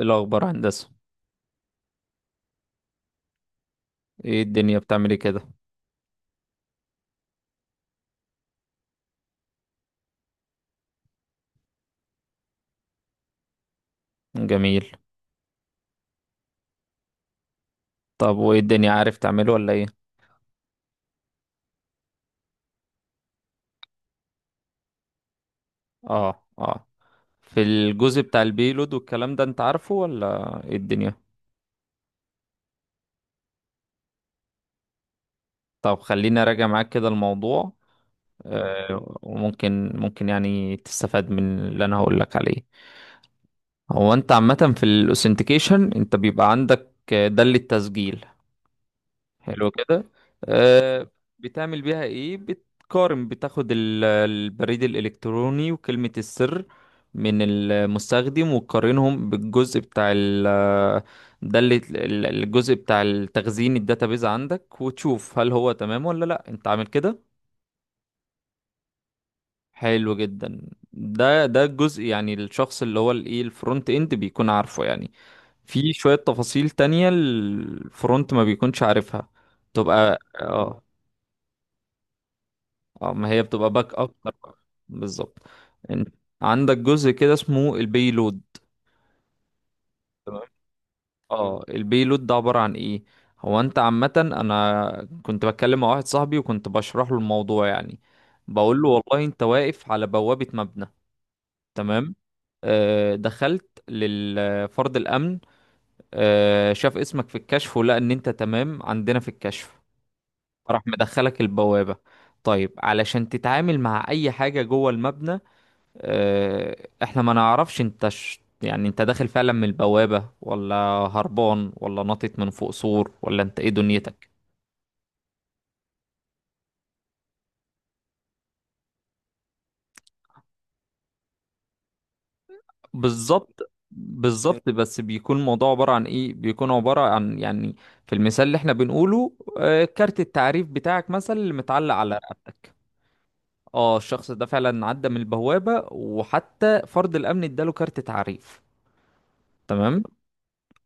إيه الأخبار، هندسة؟ ايه الدنيا بتعملي كده؟ جميل. طب وايه الدنيا، عارف تعمله ولا ايه؟ اه اه. في الجزء بتاع البيلود والكلام ده، انت عارفه ولا ايه الدنيا؟ طب خليني اراجع معاك كده الموضوع. آه، وممكن ممكن يعني تستفاد من اللي انا هقول لك عليه. هو انت عامة في الاوثنتيكيشن انت بيبقى عندك ده للتسجيل. حلو كده. آه. بتعمل بيها ايه؟ بتقارن، بتاخد البريد الالكتروني وكلمة السر من المستخدم وتقارنهم بالجزء بتاع ده اللي الجزء بتاع التخزين الداتابيز عندك، وتشوف هل هو تمام ولا لا، انت عامل كده؟ حلو جدا. ده الجزء، يعني الشخص اللي هو الايه الفرونت اند بيكون عارفه يعني. في شوية تفاصيل تانية الفرونت ما بيكونش عارفها. تبقى اه. اه، ما هي بتبقى باك اب. بالظبط. إن- عندك جزء كده اسمه البيلود. تمام. اه، البيلود ده عبارة عن ايه؟ هو انت عامة، انا كنت بتكلم مع واحد صاحبي وكنت بشرح له الموضوع يعني. بقول له والله انت واقف على بوابة مبنى. تمام. دخلت للفرد الامن. شاف اسمك في الكشف ولقى ان انت تمام عندنا في الكشف. راح مدخلك البوابة. طيب علشان تتعامل مع اي حاجة جوه المبنى، آه، احنا ما نعرفش انت يعني انت داخل فعلا من البوابة، ولا هربان، ولا ناطط من فوق سور، ولا انت ايه دنيتك؟ بالظبط بالظبط. بس بيكون الموضوع عبارة عن ايه؟ بيكون عبارة عن يعني، في المثال اللي احنا بنقوله، كارت التعريف بتاعك مثلا اللي متعلق على رقبتك. اه، الشخص ده فعلا عدى من البوابة، وحتى فرد الامن اداله كارت تعريف. تمام.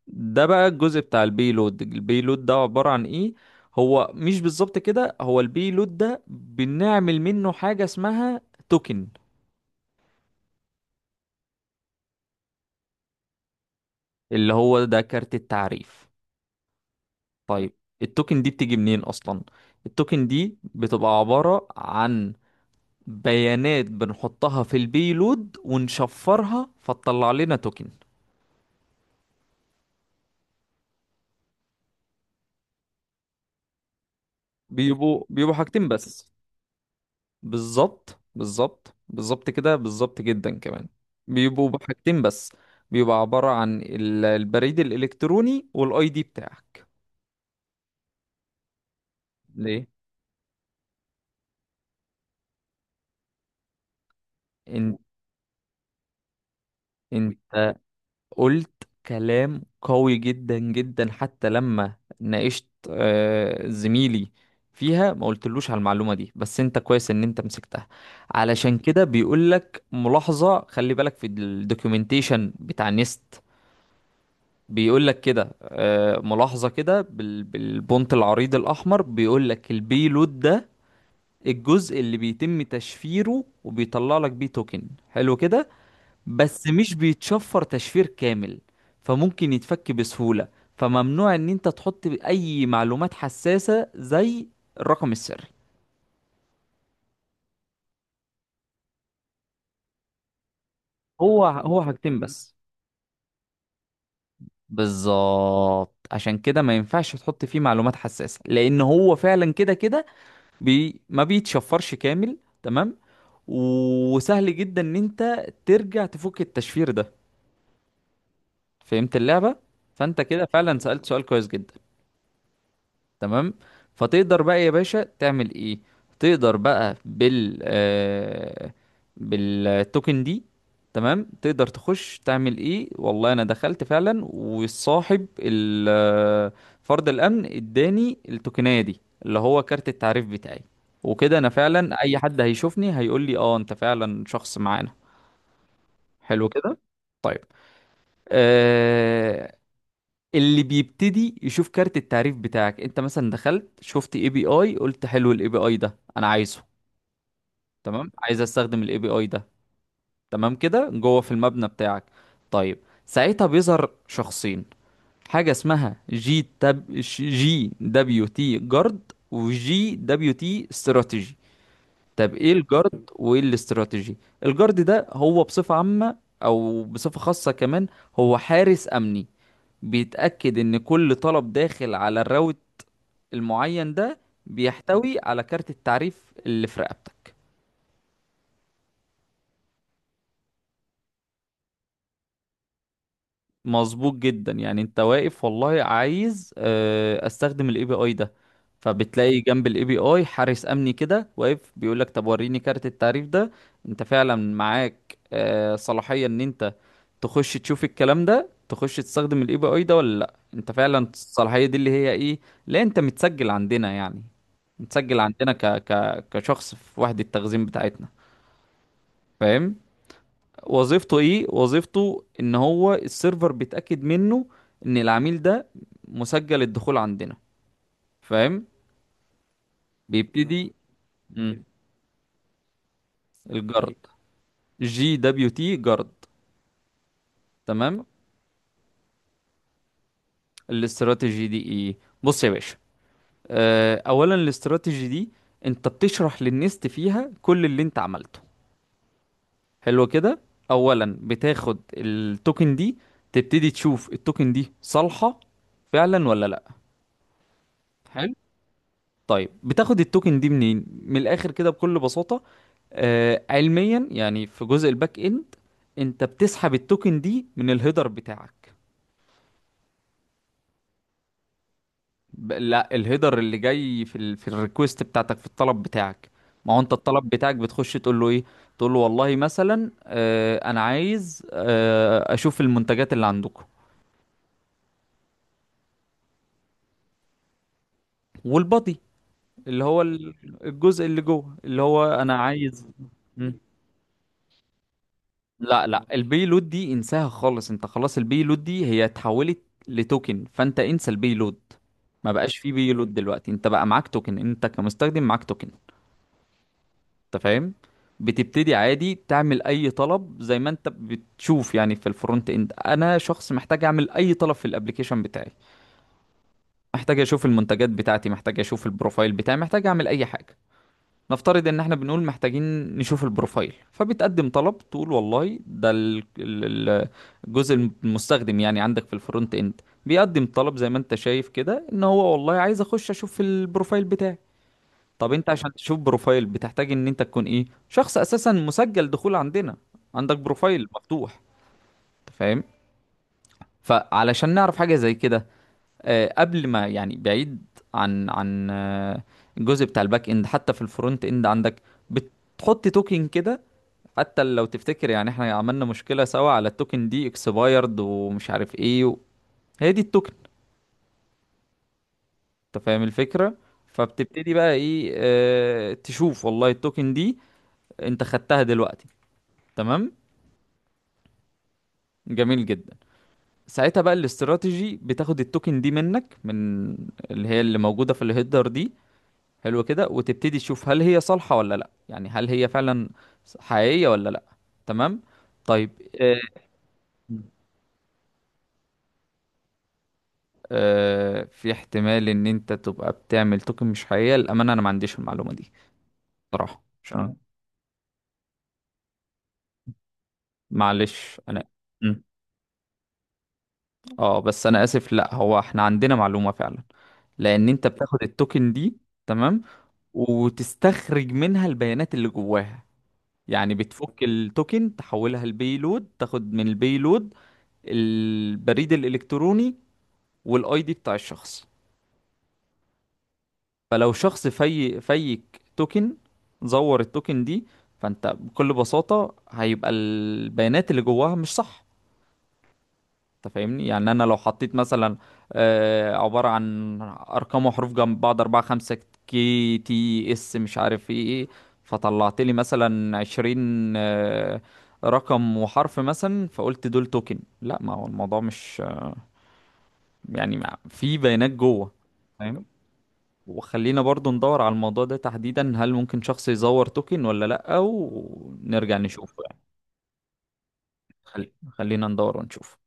ده بقى الجزء بتاع البيلود. البيلود ده عبارة عن ايه؟ هو مش بالظبط كده، هو البيلود ده بنعمل منه حاجة اسمها توكن. اللي هو ده كارت التعريف. طيب. التوكن دي بتيجي منين اصلا؟ التوكن دي بتبقى عبارة عن بيانات بنحطها في البيلود ونشفرها فتطلع لنا توكن. بيبقوا حاجتين بس. بالظبط بالظبط بالظبط كده، بالظبط جدا كمان. بيبقوا بحاجتين بس. بيبقى عبارة عن البريد الإلكتروني والاي دي بتاعك. ليه؟ انت انت قلت كلام قوي جدا جدا. حتى لما ناقشت زميلي فيها، ما قلتلوش على المعلومة دي، بس انت كويس ان انت مسكتها. علشان كده بيقولك ملاحظة، خلي بالك في الدوكيومنتيشن بتاع نيست. بيقول لك كده ملاحظة كده بالبونت العريض الأحمر، بيقول لك البيلود ده الجزء اللي بيتم تشفيره وبيطلع لك بيه توكن، حلو كده. بس مش بيتشفر تشفير كامل، فممكن يتفك بسهولة. فممنوع ان انت تحط اي معلومات حساسة زي الرقم السري. هو حاجتين بس. بالظبط، عشان كده ما ينفعش تحط فيه معلومات حساسة، لان هو فعلا كده كده ما بيتشفرش كامل. تمام. وسهل جدا ان انت ترجع تفك التشفير ده. فهمت اللعبة. فانت كده فعلا سألت سؤال كويس جدا. تمام. فتقدر بقى يا باشا تعمل ايه؟ تقدر بقى بالتوكن دي. تمام. تقدر تخش تعمل ايه؟ والله انا دخلت فعلا والصاحب فرد الامن اداني التوكنية دي اللي هو كارت التعريف بتاعي. وكده انا فعلا اي حد هيشوفني هيقول لي اه انت فعلا شخص معانا. حلو كده. طيب. آه، اللي بيبتدي يشوف كارت التعريف بتاعك، انت مثلا دخلت شفت اي بي اي قلت حلو، الاي بي اي ده انا عايزه. تمام. عايز استخدم الاي بي اي ده. تمام كده، جوه في المبنى بتاعك. طيب. ساعتها بيظهر شخصين، حاجة اسمها جي دبليو تي جارد وجي دبليو تي استراتيجي. طب ايه الجارد وايه الاستراتيجي؟ الجارد ده هو بصفة عامة او بصفة خاصة كمان، هو حارس امني. بيتأكد إن كل طلب داخل على الراوت المعين ده بيحتوي على كارت التعريف اللي في رقبتك. مظبوط جدا. يعني انت واقف، والله عايز استخدم الاي بي اي ده، فبتلاقي جنب الاي بي اي حارس امني كده واقف بيقول لك طب وريني كارت التعريف ده. انت فعلا معاك صلاحية ان انت تخش تشوف الكلام ده، تخش تستخدم الاي بي اي ده ولا لا؟ انت فعلا الصلاحية دي اللي هي ايه؟ لا، انت متسجل عندنا يعني، متسجل عندنا ك كشخص في وحدة التخزين بتاعتنا. فاهم. وظيفته ايه؟ وظيفته ان هو السيرفر بيتاكد منه ان العميل ده مسجل الدخول عندنا. فاهم. بيبتدي. مم. الجرد. جي دبليو تي جرد. تمام. الاستراتيجي دي ايه؟ بص يا باشا، اولا الاستراتيجي دي انت بتشرح للنست فيها كل اللي انت عملته. حلو كده. اولا بتاخد التوكن دي، تبتدي تشوف التوكن دي صالحة فعلا ولا لا. طيب. بتاخد التوكن دي منين؟ من الاخر كده بكل بساطة، علميا يعني، في جزء الباك اند انت بتسحب التوكن دي من الهيدر بتاعك. لا، الهيدر اللي جاي في في الريكوست بتاعتك، في الطلب بتاعك. ما هو انت الطلب بتاعك بتخش تقول له ايه؟ تقول له والله مثلا انا عايز اشوف المنتجات اللي عندكم. والبادي، اللي هو الجزء اللي جوه اللي هو انا عايز. لا لا، البي لود دي انساها خالص. انت خلاص البي لود دي هي اتحولت لتوكن، فانت انسى البي لود. ما بقاش في بي لود دلوقتي. انت بقى معاك توكن، انت كمستخدم معاك توكن. انت فاهم. بتبتدي عادي تعمل اي طلب زي ما انت بتشوف يعني. في الفرونت اند انا شخص محتاج اعمل اي طلب في الابليكيشن بتاعي. محتاج اشوف المنتجات بتاعتي، محتاج اشوف البروفايل بتاعي، محتاج اعمل اي حاجة. نفترض ان احنا بنقول محتاجين نشوف البروفايل، فبتقدم طلب تقول والله ده الجزء المستخدم يعني عندك في الفرونت اند بيقدم طلب، زي ما انت شايف كده، ان هو والله عايز اخش اشوف البروفايل بتاعي. طب انت عشان تشوف بروفايل بتحتاج ان انت تكون ايه؟ شخص اساسا مسجل دخول عندنا، عندك بروفايل مفتوح. انت فاهم. فعلشان نعرف حاجة زي كده قبل ما يعني بعيد عن الجزء بتاع الباك اند، حتى في الفرونت اند عندك بتحط توكن كده. حتى لو تفتكر يعني احنا عملنا مشكلة سوا على التوكن دي اكسبايرد ومش عارف ايه هي دي التوكن. انت فاهم الفكرة. فبتبتدي بقى ايه؟ اه تشوف والله التوكن دي انت خدتها دلوقتي. تمام. جميل جدا. ساعتها بقى الاستراتيجي بتاخد التوكن دي منك من اللي هي اللي موجودة في الهيدر دي، حلو كده. وتبتدي تشوف هل هي صالحة ولا لا، يعني هل هي فعلا حقيقية ولا لا. تمام. طيب. آه. في احتمال ان انت تبقى بتعمل توكن مش حقيقية، للأمانة انا ما عنديش المعلومة دي صراحة، عشان معلش انا. مم. اه بس انا اسف، لا هو احنا عندنا معلومة فعلا، لان انت بتاخد التوكن دي، تمام، وتستخرج منها البيانات اللي جواها. يعني بتفك التوكن تحولها لبيلود، تاخد من البيلود البريد الالكتروني والاي دي بتاع الشخص. فلو شخص في فيك توكن، زور التوكن دي، فانت بكل بساطة هيبقى البيانات اللي جواها مش صح. انت فاهمني؟ يعني انا لو حطيت مثلا عبارة عن ارقام وحروف جنب بعض اربعة خمسة KTS مش عارف ايه ايه، فطلعت لي مثلا 20 رقم وحرف، مثلا فقلت دول توكن، لا ما هو الموضوع مش يعني في بيانات جوه. فاهم. وخلينا برضو ندور على الموضوع ده تحديدا، هل ممكن شخص يزور توكن ولا لأ، ونرجع نشوفه يعني. خلينا ندور ونشوف.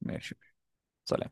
ماشي. سلام.